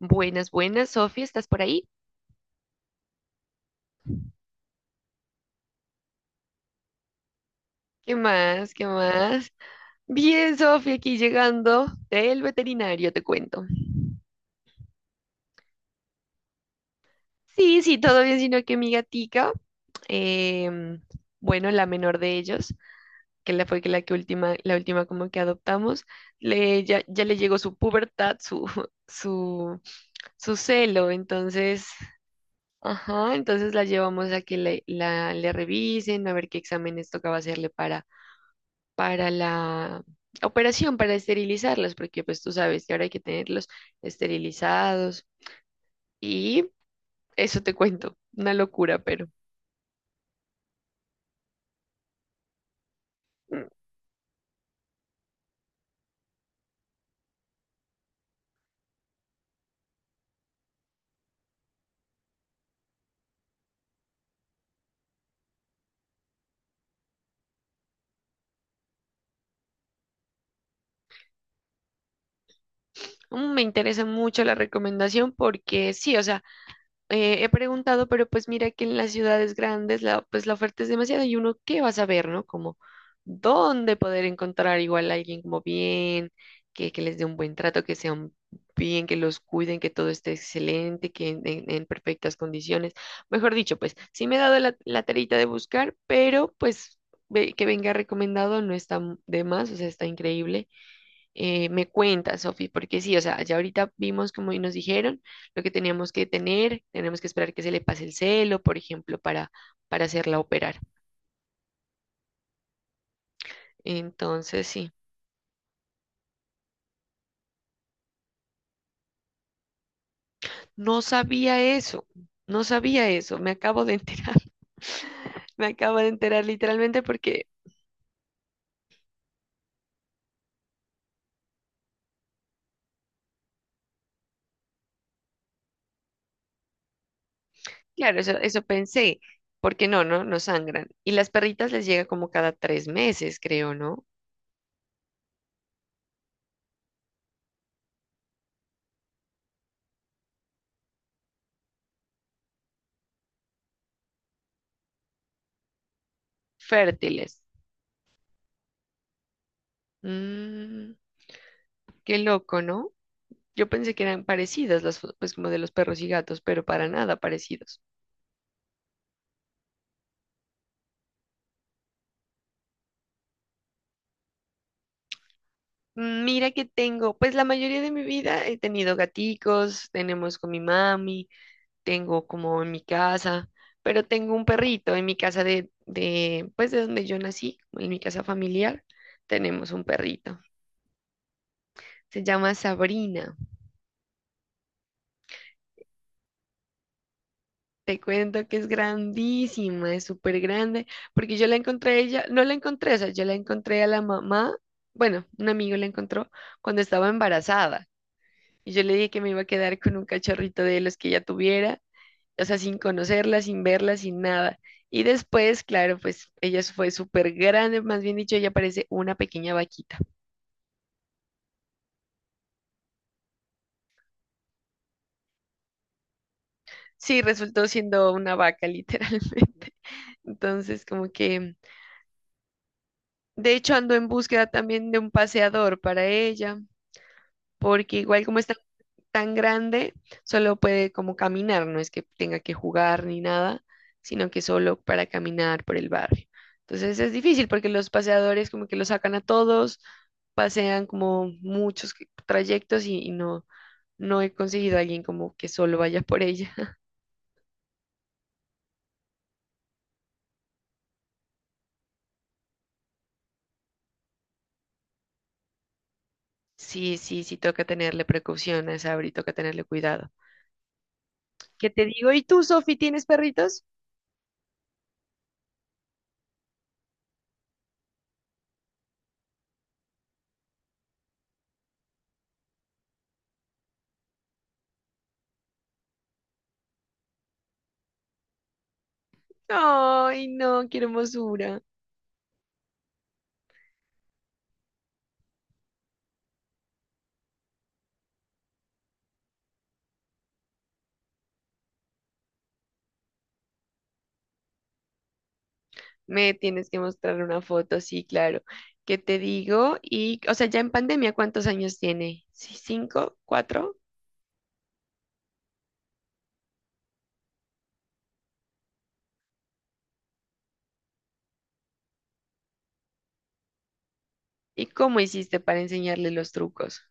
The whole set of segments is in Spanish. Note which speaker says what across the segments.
Speaker 1: Buenas, buenas, Sofía, ¿estás por ahí? ¿Qué más? ¿Qué más? Bien, Sofía, aquí llegando del veterinario, te cuento. Sí, sí, todo bien, sino que mi gatica, em, bueno, la menor de ellos, que la fue que la que última, la última como que adoptamos, ya le llegó su pubertad, su, su, su celo, entonces, ajá, entonces la llevamos a que le revisen, a ver qué exámenes tocaba hacerle para la operación, para esterilizarlos, porque pues tú sabes que ahora hay que tenerlos esterilizados y eso te cuento, una locura, pero mm, me interesa mucho la recomendación porque sí, o sea, he preguntado, pero pues mira que en las ciudades grandes pues la oferta es demasiada y uno qué va a saber, ¿no? Como dónde poder encontrar igual a alguien como bien, que les dé un buen trato, que sean bien, que los cuiden, que todo esté excelente, en perfectas condiciones. Mejor dicho, pues sí me he dado la tarita de buscar, pero pues que venga recomendado no está de más, o sea, está increíble. Me cuenta, Sofi, porque sí, o sea, ya ahorita vimos como y nos dijeron lo que teníamos que tener, tenemos que esperar que se le pase el celo, por ejemplo, para hacerla operar. Entonces, sí, no sabía eso, no sabía eso, me acabo de enterar, me acabo de enterar literalmente porque, claro, eso pensé, porque no sangran. Y las perritas les llega como cada tres meses, creo, ¿no? Fértiles. Mm, qué loco, ¿no? Yo pensé que eran parecidas las fotos, pues como de los perros y gatos, pero para nada parecidos. Mira que tengo, pues la mayoría de mi vida he tenido gaticos, tenemos con mi mami, tengo como en mi casa, pero tengo un perrito en mi casa pues de donde yo nací, en mi casa familiar, tenemos un perrito. Se llama Sabrina. Te cuento que es grandísima, es súper grande, porque yo la encontré a ella, no la encontré, o sea, yo la encontré a la mamá, bueno, un amigo la encontró cuando estaba embarazada, y yo le dije que me iba a quedar con un cachorrito de los que ella tuviera, o sea, sin conocerla, sin verla, sin nada. Y después, claro, pues ella fue súper grande, más bien dicho, ella parece una pequeña vaquita. Sí, resultó siendo una vaca, literalmente. Entonces, como que, de hecho, ando en búsqueda también de un paseador para ella, porque igual como está tan grande, solo puede como caminar, no es que tenga que jugar ni nada, sino que solo para caminar por el barrio. Entonces es difícil porque los paseadores como que lo sacan a todos, pasean como muchos trayectos y no, no he conseguido a alguien como que solo vaya por ella. Sí, sí, sí, toca tenerle precaución a esa Sabri, toca tenerle cuidado. ¿Qué te digo? ¿Y tú, Sofi, tienes perritos? Ay, no, qué hermosura. Me tienes que mostrar una foto, sí, claro. ¿Qué te digo? Y, o sea, ya en pandemia, ¿cuántos años tiene? ¿Sí, cinco, cuatro? ¿Y cómo hiciste para enseñarle los trucos?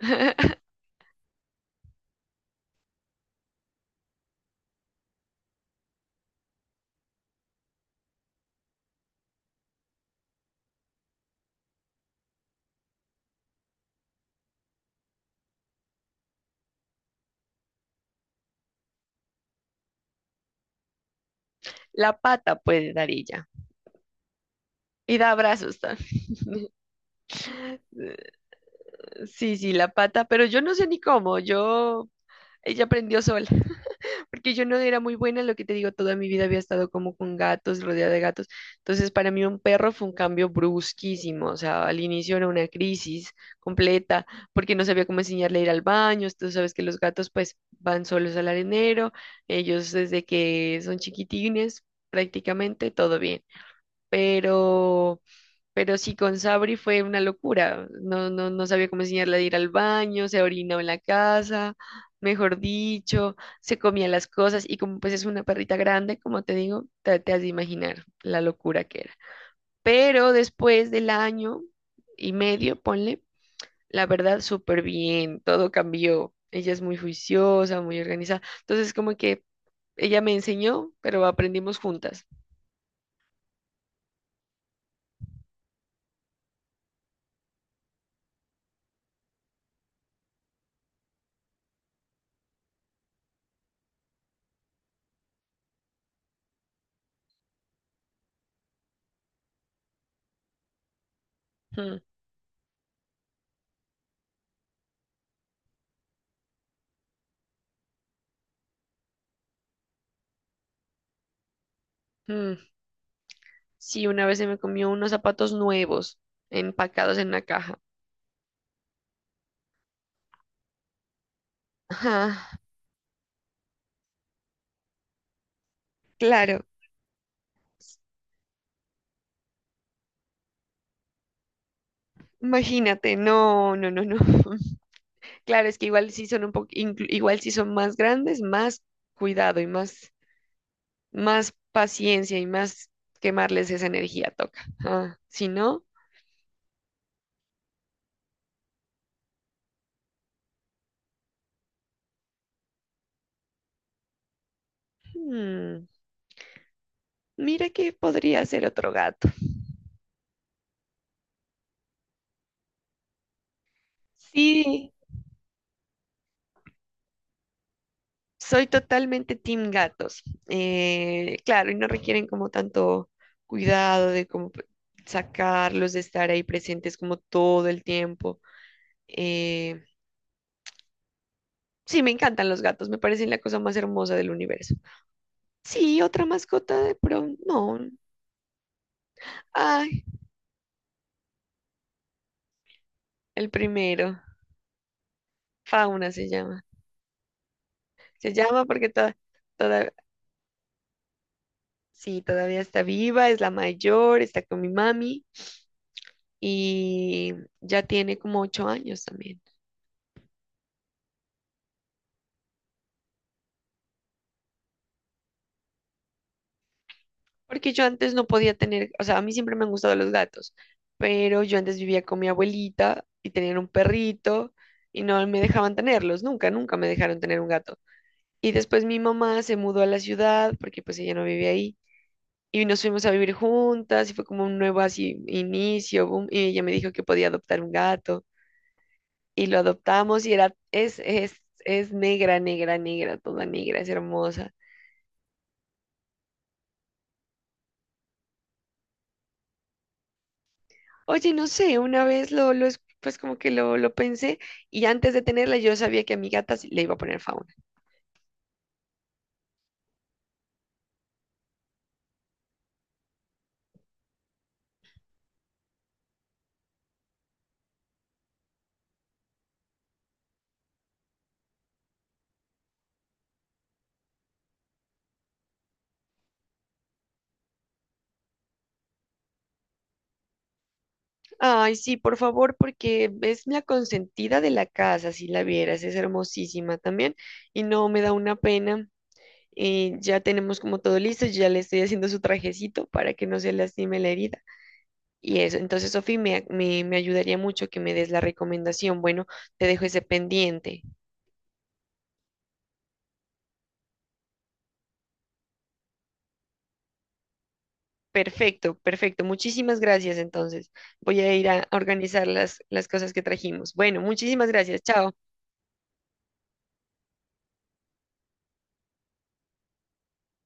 Speaker 1: La pata puede dar ella. Y da abrazos. Sí, sí, la pata, pero yo no sé ni cómo. Yo, ella aprendió sola, porque yo no era muy buena, lo que te digo, toda mi vida había estado como con gatos, rodeada de gatos. Entonces, para mí un perro fue un cambio brusquísimo, o sea, al inicio era una crisis completa, porque no sabía cómo enseñarle a ir al baño, tú sabes que los gatos pues van solos al arenero, ellos desde que son chiquitines, prácticamente todo bien, pero... Pero sí, con Sabri fue una locura. No sabía cómo enseñarle a ir al baño, se orinaba en la casa, mejor dicho, se comía las cosas y como pues es una perrita grande, como te digo, te has de imaginar la locura que era. Pero después del año y medio, ponle, la verdad, súper bien, todo cambió. Ella es muy juiciosa, muy organizada. Entonces, como que ella me enseñó, pero aprendimos juntas. Mm, mm. Sí, una vez se me comió unos zapatos nuevos empacados en una caja. Ajá, claro. Imagínate, no, no, no, no. Claro, es que igual sí son un poco, igual sí son más grandes, más cuidado y más, más paciencia y más quemarles esa energía toca. Ah, si no, mm, mira que podría ser otro gato. Sí, soy totalmente team gatos. Claro, y no requieren como tanto cuidado de cómo sacarlos, de estar ahí presentes como todo el tiempo. Eh, sí, me encantan los gatos, me parecen la cosa más hermosa del universo. Sí, otra mascota de pronto. No. Ay, el primero. Fauna se llama. Se llama porque toda, toda, sí, todavía está viva, es la mayor, está con mi mami y ya tiene como 8 años también. Porque yo antes no podía tener, o sea, a mí siempre me han gustado los gatos, pero yo antes vivía con mi abuelita y tenían un perrito y no me dejaban tenerlos, nunca, nunca me dejaron tener un gato. Y después mi mamá se mudó a la ciudad porque pues ella no vivía ahí y nos fuimos a vivir juntas y fue como un nuevo así inicio, boom, y ella me dijo que podía adoptar un gato y lo adoptamos y es negra, negra, negra, toda negra, es hermosa. Oye, no sé, una vez pues como que lo pensé y antes de tenerla yo sabía que a mi gata sí le iba a poner Fauna. Ay, sí, por favor, porque es la consentida de la casa, si la vieras, es hermosísima también y no me da una pena. Ya tenemos como todo listo, ya le estoy haciendo su trajecito para que no se lastime la herida. Y eso, entonces, Sofi, me ayudaría mucho que me des la recomendación. Bueno, te dejo ese pendiente. Perfecto, perfecto. Muchísimas gracias entonces. Voy a ir a organizar las cosas que trajimos. Bueno, muchísimas gracias. Chao.